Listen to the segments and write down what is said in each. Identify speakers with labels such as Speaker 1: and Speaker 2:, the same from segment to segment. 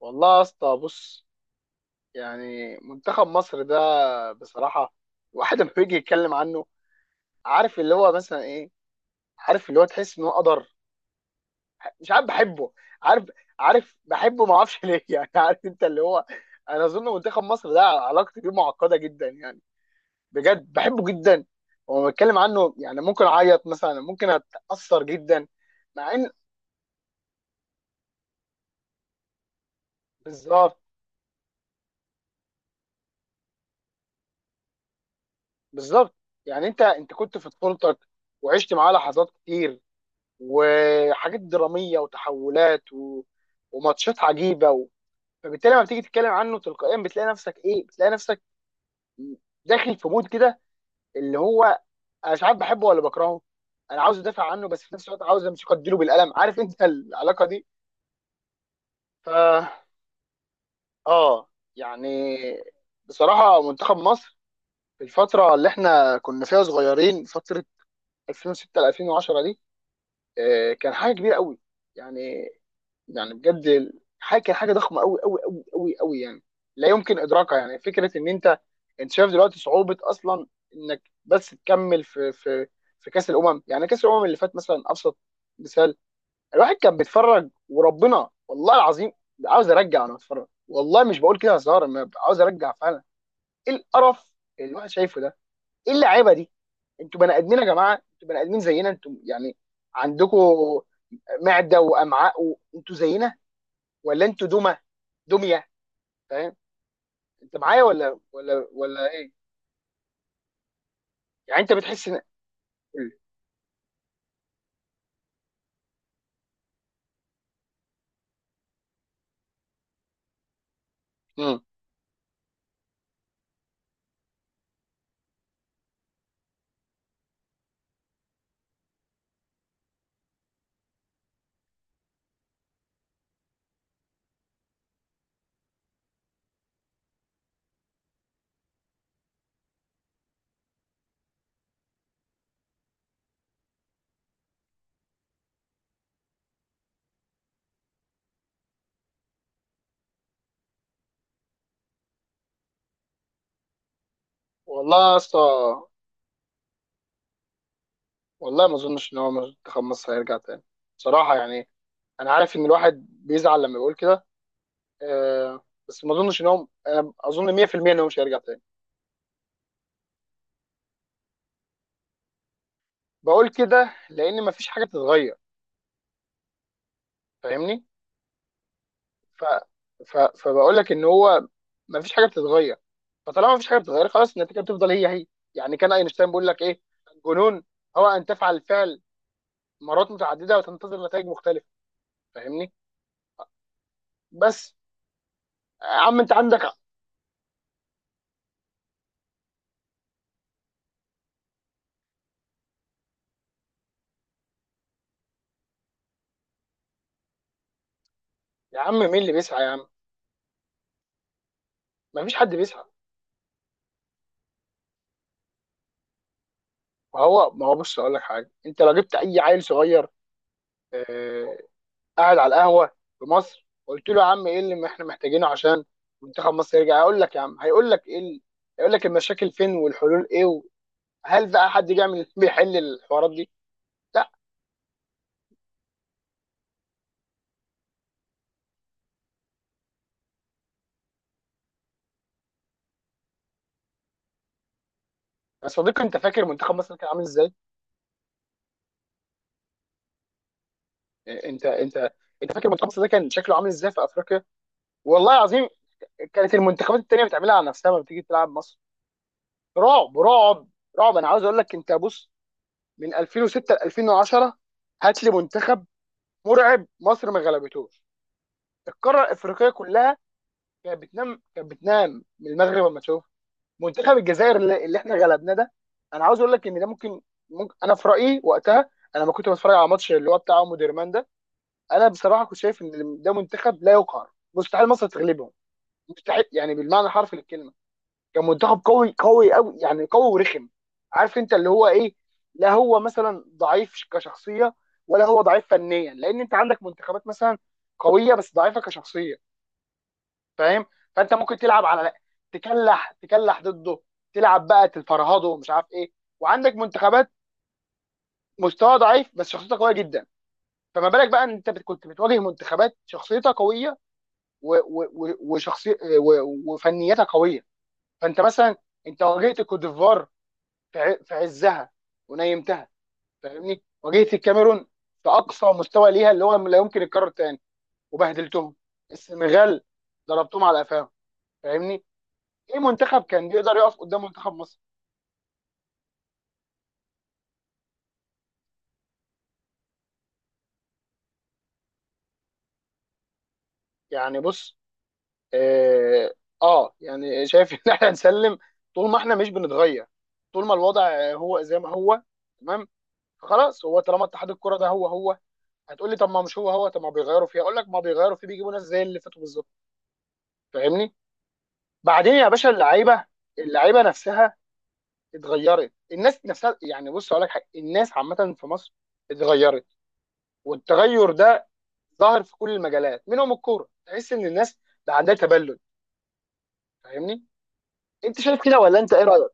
Speaker 1: والله يا اسطى، بص. يعني منتخب مصر ده، بصراحه الواحد لما بيجي يتكلم عنه، عارف اللي هو مثلا ايه، عارف اللي هو تحس ان هو قدر، مش عارف بحبه، عارف عارف بحبه ما اعرفش ليه يعني عارف انت اللي هو، انا اظن منتخب مصر ده علاقتي بيه معقده جدا يعني، بجد بحبه جدا. وما بتكلم عنه يعني ممكن اعيط مثلا، ممكن اتاثر جدا. مع ان، بالظبط، بالظبط. يعني انت كنت في طفولتك، وعشت معاه لحظات كتير، وحاجات دراميه وتحولات، و... وماتشات عجيبه، و... فبالتالي لما بتيجي تتكلم عنه تلقائيا بتلاقي نفسك ايه، بتلاقي نفسك داخل في مود كده، اللي هو انا مش عارف بحبه ولا بكرهه، انا عاوز ادافع عنه بس في نفس الوقت عاوز امسكه اديله بالقلم، عارف انت العلاقه دي. ف اه يعني بصراحه منتخب مصر في الفتره اللي احنا كنا فيها صغيرين، فتره 2006 ل 2010 دي، آه، كان حاجه كبيره قوي يعني، بجد حاجه، كان حاجه ضخمه قوي قوي قوي قوي قوي، يعني لا يمكن ادراكها. يعني فكره ان انت شايف دلوقتي صعوبه اصلا انك بس تكمل في في كاس الامم. يعني كاس الامم اللي فات مثلا، ابسط مثال، الواحد كان بيتفرج وربنا والله العظيم عاوز ارجع. وانا بتفرج والله مش بقول كده هزار، أنا عاوز ارجع فعلا. ايه القرف اللي الواحد شايفه ده؟ ايه اللعيبه دي؟ انتوا بني ادمين يا جماعه، انتوا بني ادمين زينا، انتوا يعني عندكم معده وامعاء، وانتوا زينا، ولا انتوا دمى؟ دميه. فاهم انت معايا ولا ولا ايه؟ يعني انت بتحس ان، مم. والله يا اسطى، والله ما اظنش ان هو منتخب مصر هيرجع تاني، بصراحه يعني. انا عارف ان الواحد بيزعل لما يقول كده، آه، بس ما اظنش ان هو، انا اظن 100% ان هو مش هيرجع تاني. بقول كده لان ما فيش حاجه تتغير، فاهمني؟ ف... فبقول لك ان هو ما فيش حاجه بتتغير. فطالما ما فيش حاجه بتتغير، خلاص، النتيجه بتفضل هي هي. يعني كان اينشتاين بيقول لك ايه؟ الجنون هو ان تفعل الفعل مرات متعدده وتنتظر نتائج مختلفه. فاهمني؟ بس يا عم انت عندك، يا عم مين اللي بيسعى يا عم؟ ما فيش حد بيسعى. ما هو بص اقول لك حاجه، انت لو جبت اي عيل صغير، آه، قاعد على القهوه في مصر، قلت له يا عم ايه اللي احنا محتاجينه عشان منتخب مصر يرجع؟ هيقول لك يا عم، هيقول لك ايه هيقول لك المشاكل فين والحلول ايه. هل بقى حد جه من بيحل الحوارات دي؟ لا. يا صديقي انت فاكر منتخب مصر كان عامل ازاي؟ انت انت انت فاكر منتخب مصر ده كان شكله عامل ازاي في افريقيا؟ والله العظيم كانت المنتخبات التانيه بتعملها على نفسها لما بتيجي تلعب مصر. رعب رعب رعب. انا عاوز اقول لك، انت بص، من 2006 ل 2010 هات لي منتخب مرعب مصر ما غلبتوش. القاره الافريقيه كلها كانت بتنام، كانت بتنام من المغرب، لما تشوف منتخب الجزائر اللي احنا غلبناه ده. انا عاوز اقول لك ان ده ممكن، ممكن. انا في رايي وقتها، انا لما كنت بتفرج على ماتش اللي هو بتاع مودرمان ده، انا بصراحه كنت شايف ان ده منتخب لا يقهر، مستحيل مصر تغلبهم، مستحيل، يعني بالمعنى الحرفي للكلمه. كان منتخب قوي قوي قوي، يعني قوي ورخم، عارف انت اللي هو ايه. لا هو مثلا ضعيف كشخصيه، ولا هو ضعيف فنيا، لان انت عندك منتخبات مثلا قويه بس ضعيفه كشخصيه، فاهم؟ فانت ممكن تلعب على، تكلح تكلح ضده، تلعب بقى تفرهده ومش عارف ايه. وعندك منتخبات مستوى ضعيف بس شخصيتها قويه جدا. فما بالك بقى ان انت كنت بتواجه منتخبات شخصيتها قويه وشخصي وفنيتها قويه. فانت مثلا، انت واجهت الكوت ديفوار في عزها ونيمتها، فاهمني؟ واجهت الكاميرون في اقصى مستوى ليها اللي هو لا يمكن يتكرر تاني، وبهدلتهم. السنغال ضربتهم على قفاهم، فاهمني؟ ايه منتخب كان بيقدر يقف قدام منتخب مصر؟ يعني بص، اه, آه، يعني شايف ان احنا نسلم طول ما احنا مش بنتغير. طول ما الوضع هو زي ما هو، تمام، خلاص. هو طالما اتحاد الكوره ده هو هو، هتقول لي طب ما مش هو هو؟ طب ما بيغيروا فيه، اقول لك ما بيغيروا فيه، بيجيبوا ناس زي اللي فاتوا بالظبط، فاهمني؟ بعدين يا باشا، اللعيبه، اللعيبه نفسها اتغيرت، الناس نفسها. يعني بص اقول لك حاجه، الناس عامه في مصر اتغيرت. والتغير ده ظاهر في كل المجالات، منهم الكوره. تحس ان الناس بقى عندها تبلد، فاهمني؟ انت شايف كده ولا انت ايه رايك؟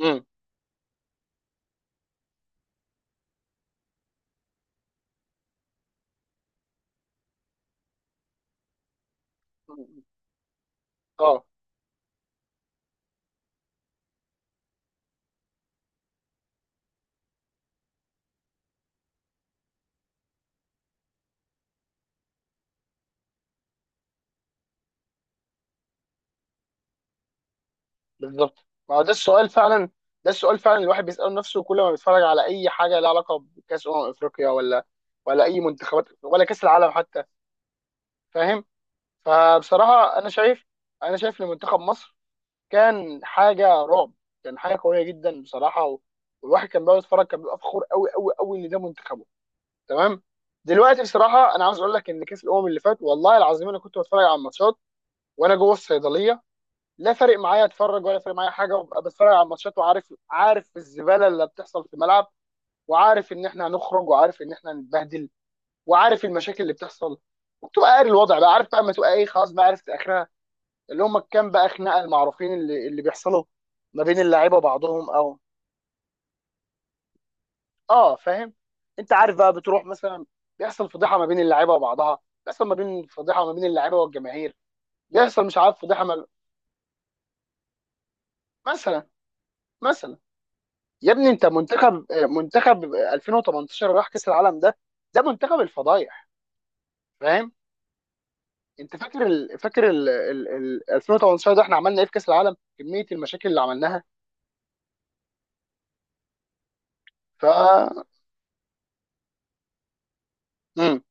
Speaker 1: امم اه، بالظبط، ما هو ده السؤال فعلا. ده السؤال فعلا، الواحد بيساله نفسه كل ما بيتفرج على اي حاجه لها علاقه بكاس افريقيا، ولا ولا اي منتخبات، ولا كاس العالم حتى، فاهم؟ فبصراحه انا شايف، انا شايف ان منتخب مصر كان حاجه رعب، كان حاجه قويه جدا بصراحه. والواحد كان بيقعد يتفرج، كان بيبقى فخور قوي قوي قوي ان ده منتخب، تمام. دلوقتي بصراحه انا عاوز اقول لك ان كاس الامم اللي فات والله العظيم انا كنت بتفرج على الماتشات وانا جوه الصيدليه. لا فارق معايا اتفرج، ولا فارق معايا حاجه، وابقى بتفرج على الماتشات، وعارف، عارف الزباله اللي بتحصل في الملعب، وعارف ان احنا هنخرج، وعارف ان احنا هنتبهدل، وعارف المشاكل اللي بتحصل. وبتبقى قاري الوضع بقى، عارف بقى اما تبقى ايه، خلاص بقى عرفت اخرها. اللي هم كام بقى، خناقه المعروفين اللي بيحصلوا ما بين اللعيبه وبعضهم، او، اه، فاهم. انت عارف بقى بتروح مثلا، بيحصل فضيحه ما بين اللعيبه وبعضها، بيحصل ما بين، فضيحه ما بين اللعيبه والجماهير، بيحصل مش عارف فضيحه ما، مثلا، مثلا، يا ابني انت منتخب 2018 راح كاس العالم ده، ده منتخب الفضايح، فاهم؟ انت فاكر ال، 2018 ده احنا عملنا ايه في كاس العالم، كميه المشاكل اللي عملناها. ف مم.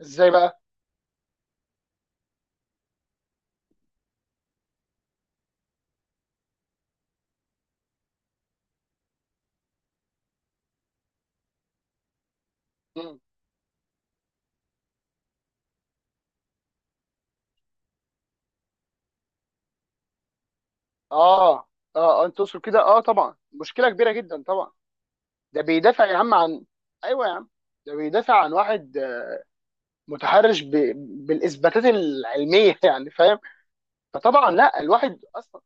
Speaker 1: ازاي بقى؟ مم. اه، اه، آه، انت تقصد كده؟ اه، طبعا، مشكله كبيره جدا طبعا. ده بيدافع يا عم عن، ايوه يا عم، ده بيدافع عن واحد آه، متحرش ب، بالاثباتات العلميه يعني فاهم؟ فطبعا لا الواحد اصلا،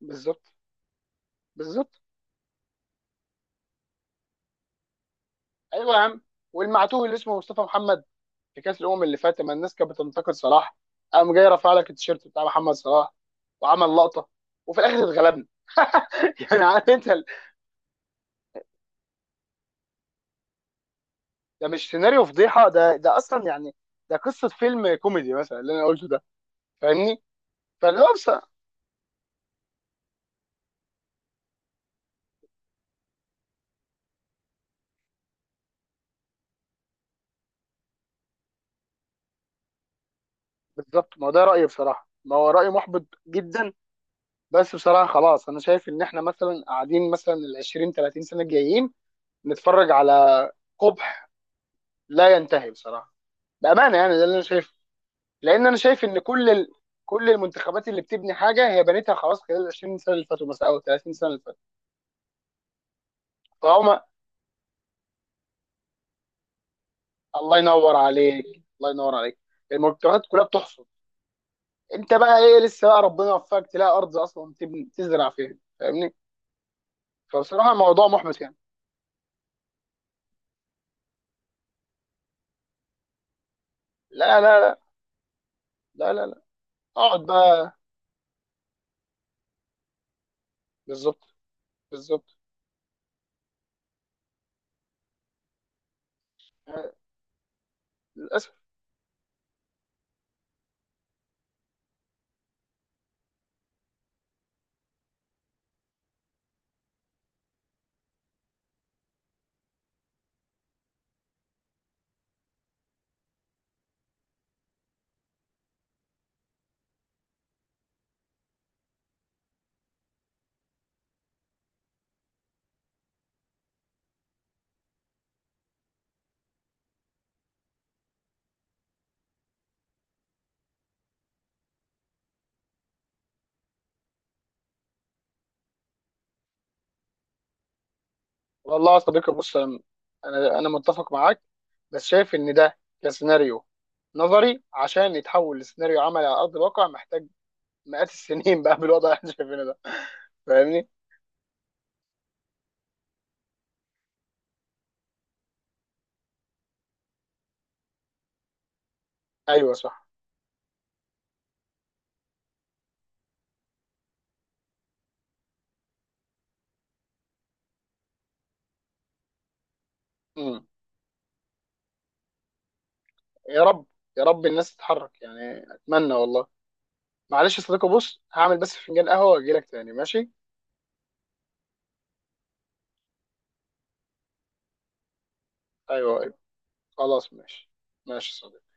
Speaker 1: بالظبط، بالظبط، ايوه يا عم. والمعتوه اللي اسمه مصطفى محمد في كاس الامم اللي فات لما الناس كانت بتنتقد صلاح، قام جاي رافع لك التيشيرت بتاع محمد صلاح وعمل لقطه. وفي الاخر اتغلبنا يعني عارف انت ده مش سيناريو فضيحه ده اصلا يعني ده قصه فيلم كوميدي مثلا اللي انا قلته ده، فاهمني؟ فاللي هو بص- بالظبط، ما هو ده رأيي بصراحة، ما هو رأي محبط جدا. بس بصراحة خلاص أنا شايف إن إحنا مثلا قاعدين مثلا ال 20 30 سنة الجايين نتفرج على قبح لا ينتهي بصراحة. بأمانة يعني ده اللي أنا شايفه. لأن أنا شايف إن كل ال، كل المنتخبات اللي بتبني حاجة هي بنيتها خلاص خلال ال 20 سنة اللي فاتوا مثلا أو 30 سنة اللي فاتوا، فهم. الله ينور عليك، الله ينور عليك، المنتخبات كلها بتحصد. أنت بقى إيه؟ لسه بقى ربنا يوفقك تلاقي أرض أصلا تبني تزرع فيها، فاهمني؟ فبصراحة الموضوع محبط يعني. لا لا لا لا لا، اقعد بقى. بالظبط، بالظبط، آه، للاسف. والله يا صديقي بص، انا، أنا متفق معاك، بس شايف ان ده كسيناريو نظري عشان يتحول لسيناريو عملي على ارض الواقع محتاج مئات السنين بقى بالوضع اللي احنا شايفينه ده، فاهمني؟ ايوه صح. مم. يا رب، يا رب الناس تتحرك يعني، اتمنى والله. معلش يا صديقي بص، هعمل بس فنجان قهوه واجي لك تاني، ماشي؟ ايوه ايوه، خلاص ماشي. ماشي يا صديقي.